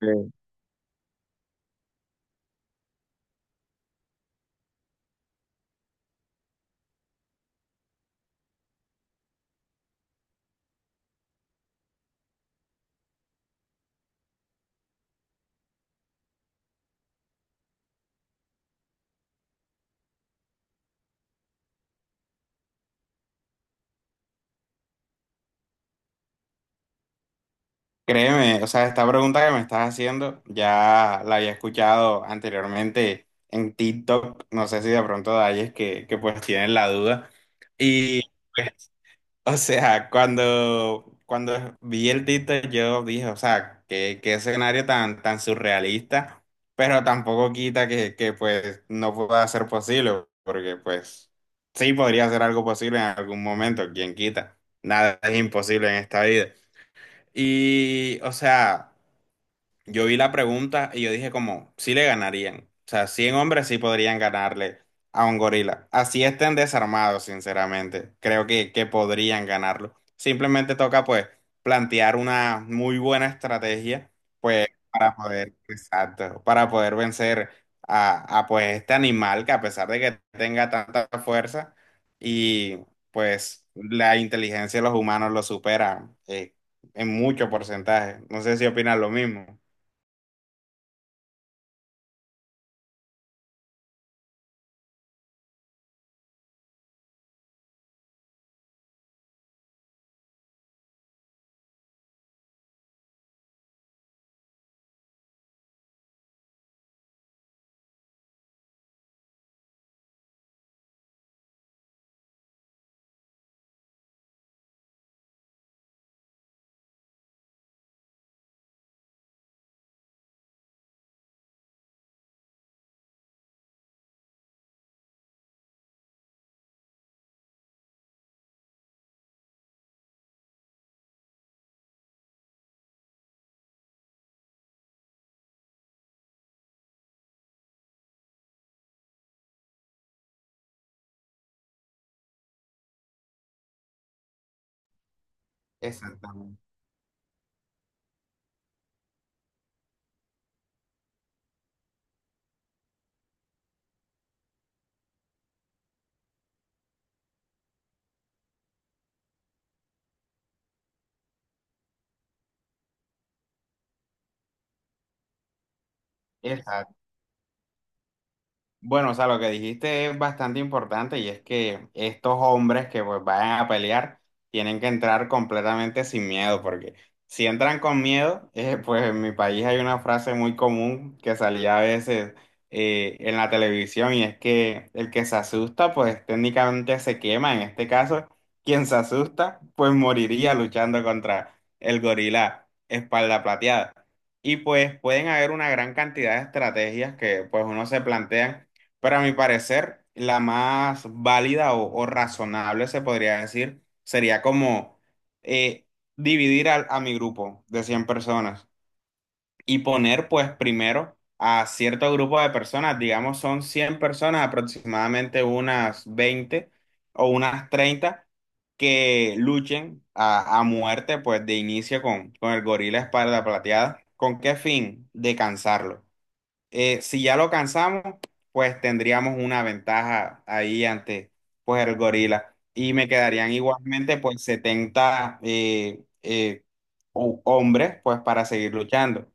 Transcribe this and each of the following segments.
Eh, Créeme, o sea, esta pregunta que me estás haciendo ya la había escuchado anteriormente en TikTok, no sé si de pronto de ahí es que pues tienen la duda. Y pues, o sea, cuando vi el TikTok yo dije, o sea, qué escenario tan surrealista, pero tampoco quita que pues no pueda ser posible, porque pues sí podría ser algo posible en algún momento, quién quita, nada es imposible en esta vida. Y, o sea, yo vi la pregunta y yo dije como, sí le ganarían. O sea, 100 hombres sí podrían ganarle a un gorila. Así estén desarmados, sinceramente. Creo que podrían ganarlo. Simplemente toca pues plantear una muy buena estrategia pues para poder, exacto, para poder vencer a pues este animal que a pesar de que tenga tanta fuerza y pues la inteligencia de los humanos lo supera en mucho porcentaje. No sé si opinan lo mismo. Exactamente. Exacto. Bueno, o sea, lo que dijiste es bastante importante y es que estos hombres que pues vayan a pelear tienen que entrar completamente sin miedo, porque si entran con miedo, pues en mi país hay una frase muy común que salía a veces en la televisión y es que el que se asusta pues técnicamente se quema, en este caso, quien se asusta pues moriría luchando contra el gorila espalda plateada. Y pues pueden haber una gran cantidad de estrategias que pues uno se plantea pero a mi parecer, la más válida o razonable, se podría decir, sería como eh, dividir a mi grupo de 100 personas y poner pues primero a cierto grupo de personas, digamos son 100 personas, aproximadamente unas 20 o unas 30 que luchen a muerte pues de inicio con el gorila espalda plateada. ¿Con qué fin? De cansarlo. Si ya lo cansamos, pues tendríamos una ventaja ahí ante pues el gorila. Y me quedarían igualmente pues 70 hombres pues para seguir luchando.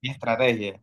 Mi estrategia.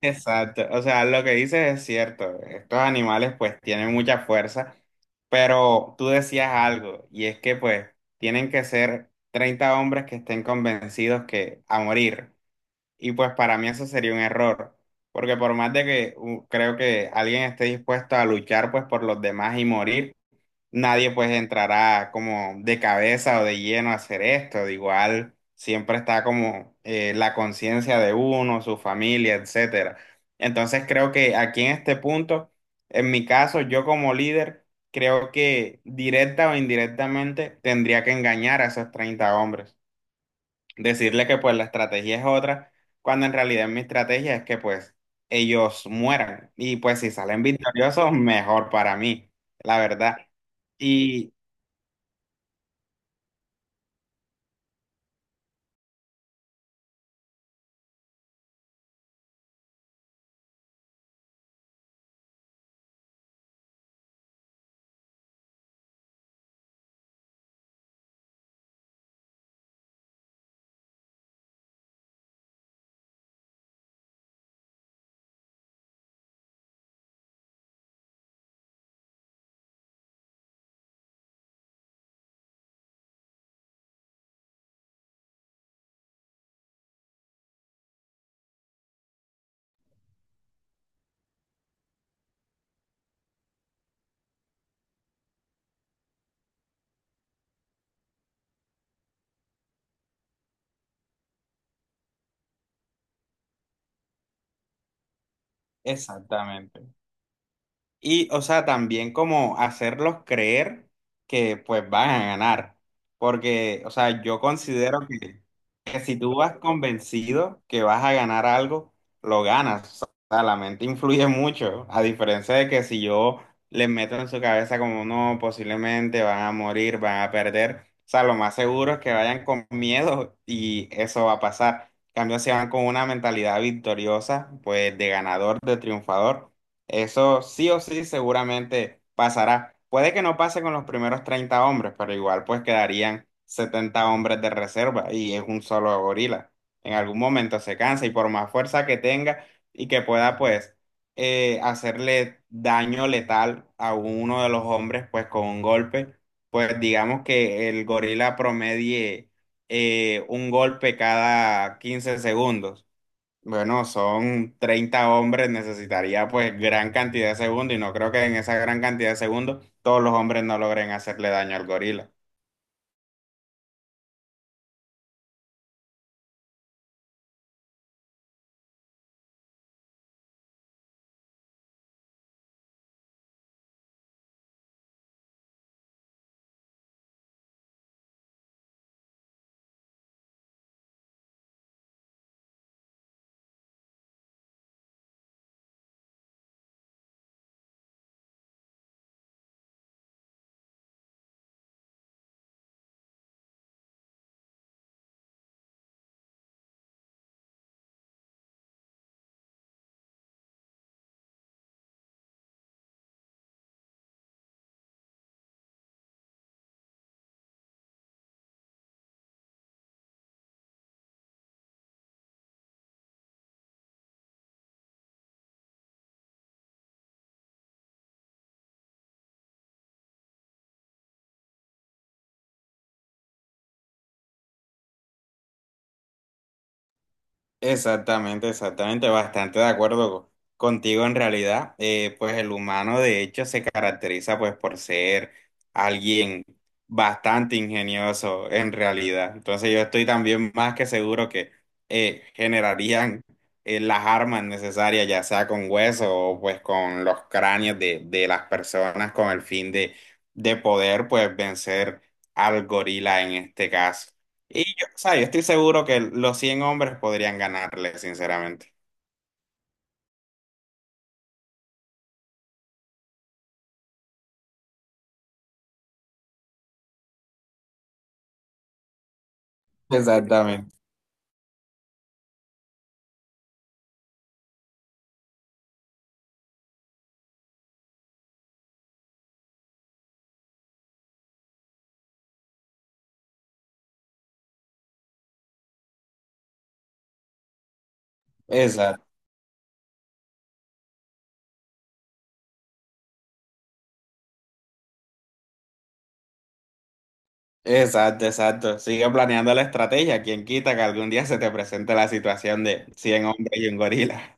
Exacto. O sea, lo que dices es cierto. Estos animales pues tienen mucha fuerza, pero tú decías algo y es que pues tienen que ser 30 hombres que estén convencidos que a morir. Y pues para mí eso sería un error, porque por más de que creo que alguien esté dispuesto a luchar pues por los demás y morir, nadie pues entrará como de cabeza o de lleno a hacer esto. De igual siempre está como la conciencia de uno, su familia, etcétera. Entonces creo que aquí en este punto, en mi caso, yo como líder, creo que directa o indirectamente tendría que engañar a esos 30 hombres decirle que pues la estrategia es otra, cuando en realidad mi estrategia es que pues ellos mueran y pues si salen victoriosos, mejor para mí, la verdad. Y exactamente. Y, o sea, también como hacerlos creer que pues van a ganar. Porque, o sea, yo considero que si tú vas convencido que vas a ganar algo, lo ganas. O sea, la mente influye mucho. A diferencia de que si yo les meto en su cabeza como no, posiblemente van a morir, van a perder. O sea, lo más seguro es que vayan con miedo y eso va a pasar. En cambio, si van con una mentalidad victoriosa, pues de ganador, de triunfador eso sí o sí seguramente pasará. Puede que no pase con los primeros 30 hombres, pero igual pues quedarían 70 hombres de reserva y es un solo gorila. En algún momento se cansa y por más fuerza que tenga y que pueda pues hacerle daño letal a uno de los hombres pues con un golpe, pues digamos que el gorila promedie un golpe cada 15 segundos. Bueno, son 30 hombres, necesitaría pues gran cantidad de segundos y no creo que en esa gran cantidad de segundos todos los hombres no logren hacerle daño al gorila. Exactamente, exactamente, bastante de acuerdo contigo en realidad. Pues el humano de hecho se caracteriza pues por ser alguien bastante ingenioso en realidad. Entonces yo estoy también más que seguro que generarían las armas necesarias, ya sea con hueso o pues con los cráneos de las personas con el fin de poder pues vencer al gorila en este caso. O sea, yo estoy seguro que los 100 hombres podrían ganarle, sinceramente. Exactamente. Exacto. Exacto, exacto. Sigue planeando la estrategia. Quien quita que algún día se te presente la situación de 100 hombres y un gorila.